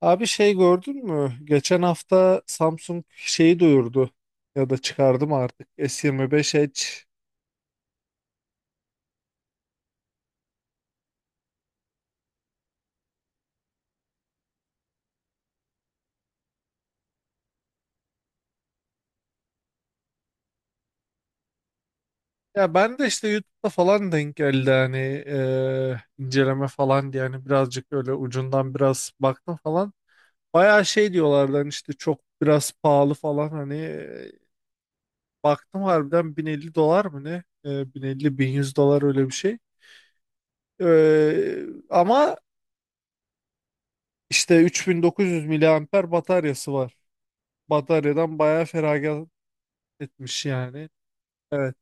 Abi, şey gördün mü? Geçen hafta Samsung şeyi duyurdu ya da çıkardı mı artık S25 Edge. Ya ben de işte YouTube'da falan denk geldi hani, inceleme falan diye hani birazcık öyle ucundan biraz baktım falan. Bayağı şey diyorlardı hani işte çok biraz pahalı falan hani, baktım harbiden 1050 dolar mı ne? 1050-1100 dolar öyle bir şey. Ama işte 3900 miliamper bataryası var. Bataryadan bayağı feragat etmiş yani. Evet,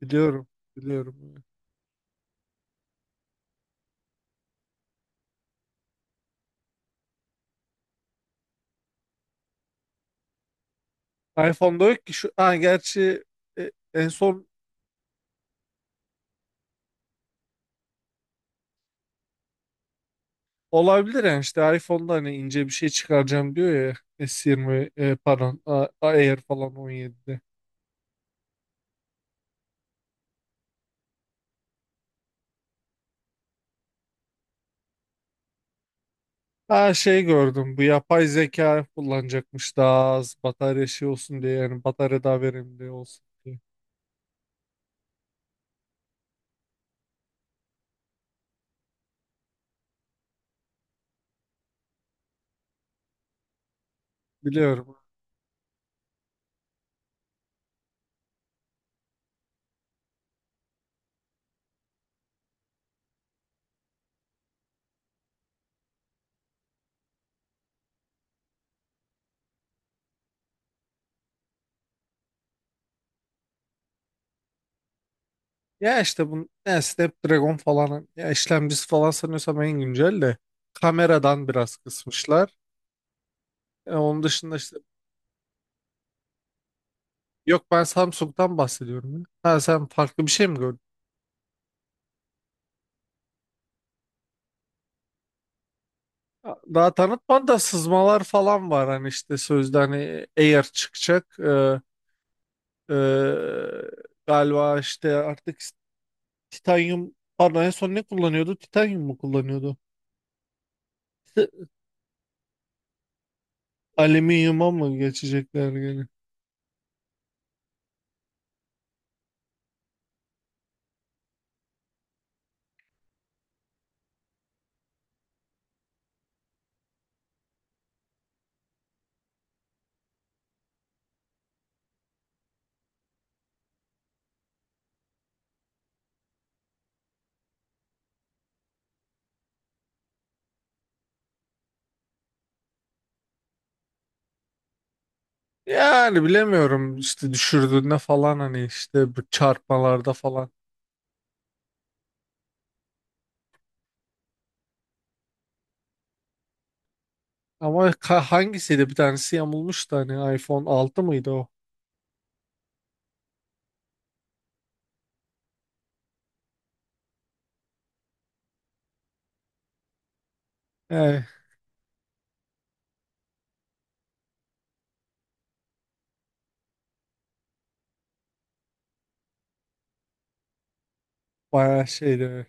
biliyorum, biliyorum. iPhone'da yok ki şu, ha, gerçi en son olabilir yani işte iPhone'da hani ince bir şey çıkaracağım diyor ya S20, pardon, Air falan 17'de. Ha, şey gördüm, bu yapay zeka kullanacakmış daha az batarya şey olsun diye, yani batarya daha verimli olsun diye. Biliyorum. Ya işte bu ne, Snapdragon falan ya işlemcisi falan, sanıyorsam en güncel de kameradan biraz kısmışlar. Onun dışında işte. Yok, ben Samsung'dan bahsediyorum ya. Ha, sen farklı bir şey mi gördün? Daha tanıtmadı da sızmalar falan var hani, işte sözde hani Air çıkacak. Ee, galiba işte artık titanyum, pardon, en son ne kullanıyordu? Titanyum mu kullanıyordu? Alüminyuma mı geçecekler gene? Yani bilemiyorum işte düşürdüğünde falan, hani işte bu çarpmalarda falan. Ama hangisiydi, bir tanesi yamulmuştu hani, iPhone 6 mıydı o? Yani bayağı şeydi.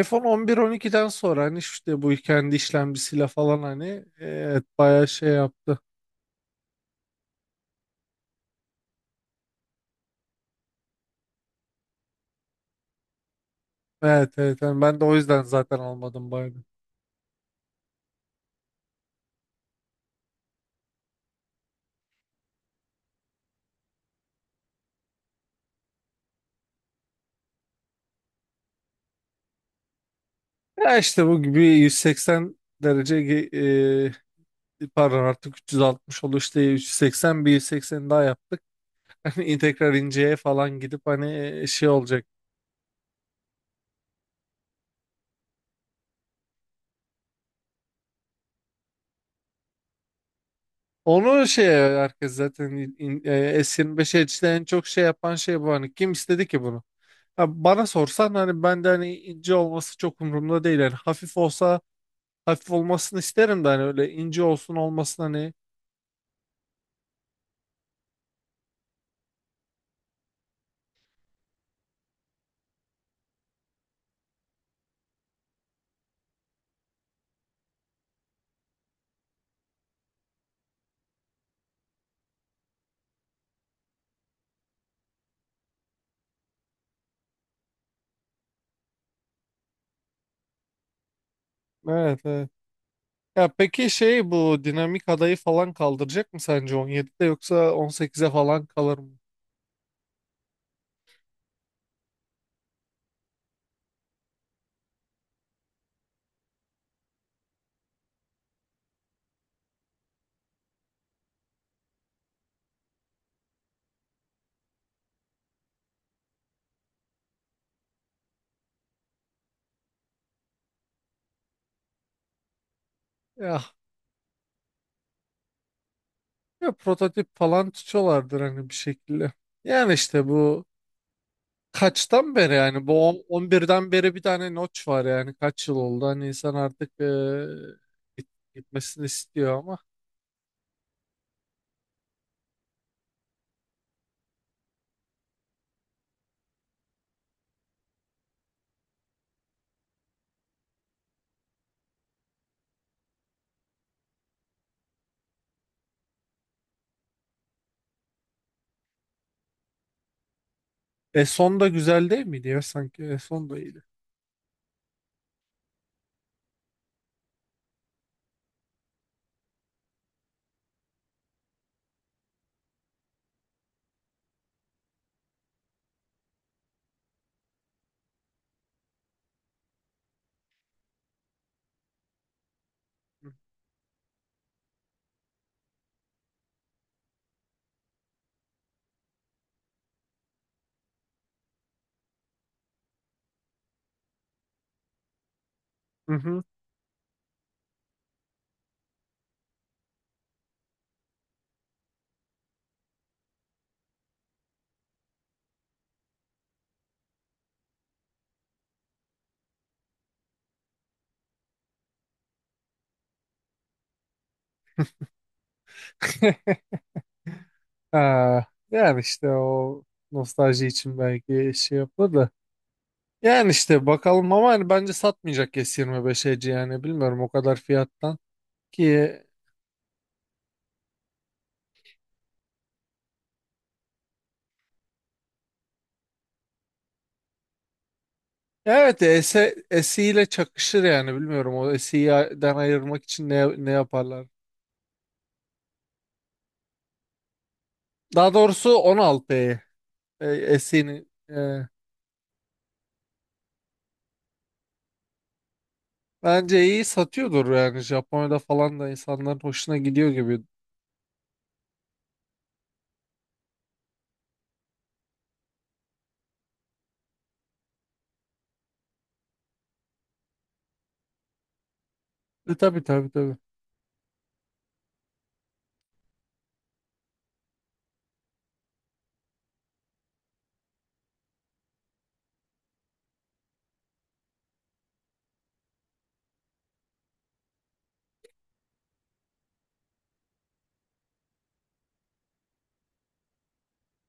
iPhone 11-12'den sonra hani işte bu kendi işlemcisiyle falan hani, evet, bayağı şey yaptı. Evet, evet, hani ben de o yüzden zaten almadım bayağı. Ya işte bu gibi 180 derece pardon, artık 360 oldu, işte 180 bir 180 daha yaptık. Hani tekrar inceye falan gidip hani şey olacak. Onu şey herkes zaten, S25 Edge'de en çok şey yapan şey bu, hani kim istedi ki? Ha, bana sorsan hani ben de hani ince olması çok umurumda değil. Yani hafif olsa hafif olmasını isterim de, hani öyle ince olsun olmasın hani. Evet, evet. Ya peki, şey, bu dinamik adayı falan kaldıracak mı sence 17'de, yoksa 18'e falan kalır mı? Ya, ya prototip falan tutuyorlardır hani bir şekilde. Yani işte bu kaçtan beri, yani bu 11'den beri bir tane notch var, yani kaç yıl oldu hani, insan artık git- gitmesini istiyor ama. E son da güzel değil miydi ya sanki? E son da iyiydi. Hı hı. Ha, yani işte o nostalji için belki şey yapılır da. Yani işte bakalım, ama hani bence satmayacak S25'eci yani, bilmiyorum, o kadar fiyattan ki. Evet. S, SE ile çakışır yani, bilmiyorum, o SE'den ayırmak için ne yaparlar. Daha doğrusu 16'yı, SE'nin, bence iyi satıyordur yani, Japonya'da falan da insanların hoşuna gidiyor gibi. Tabii, tabii, tabii.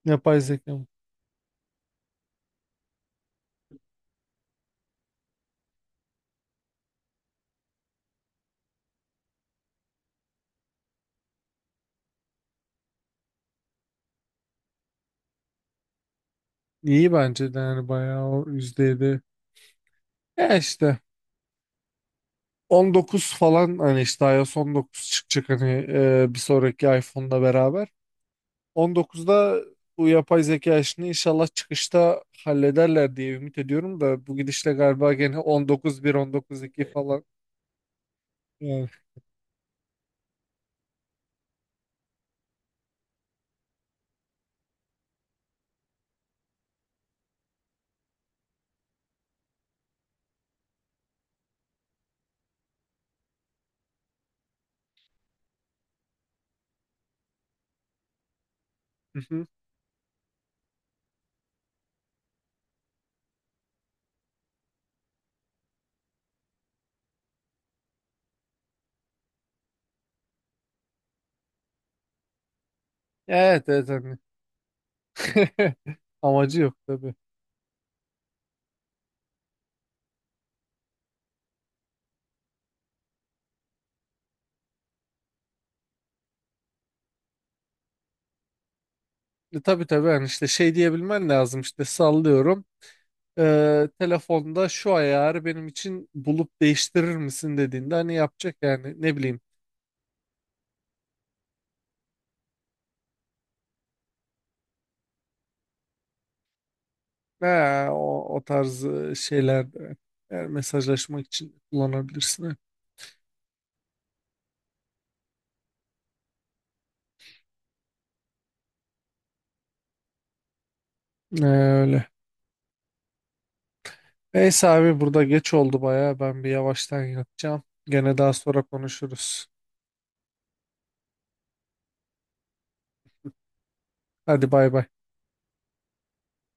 Yapay zeka mı? İyi, bence de yani bayağı o %7. Ya işte 19 falan, hani işte iOS 19 çıkacak hani, bir sonraki iPhone'la beraber. 19'da bu yapay zeka işini inşallah çıkışta hallederler diye ümit ediyorum da, bu gidişle galiba gene 19.1, 19.2 falan. Yani. Hı hı. Evet, evet, hani. Amacı yok tabii. Tabii, tabii, hani işte şey diyebilmen lazım, işte sallıyorum. Telefonda şu ayarı benim için bulup değiştirir misin dediğinde hani yapacak, yani ne bileyim, ha, o tarz şeyler de yani mesajlaşmak için kullanabilirsin. Öyle. Neyse abi, burada geç oldu baya, ben bir yavaştan yatacağım. Gene daha sonra konuşuruz. Hadi, bay bay.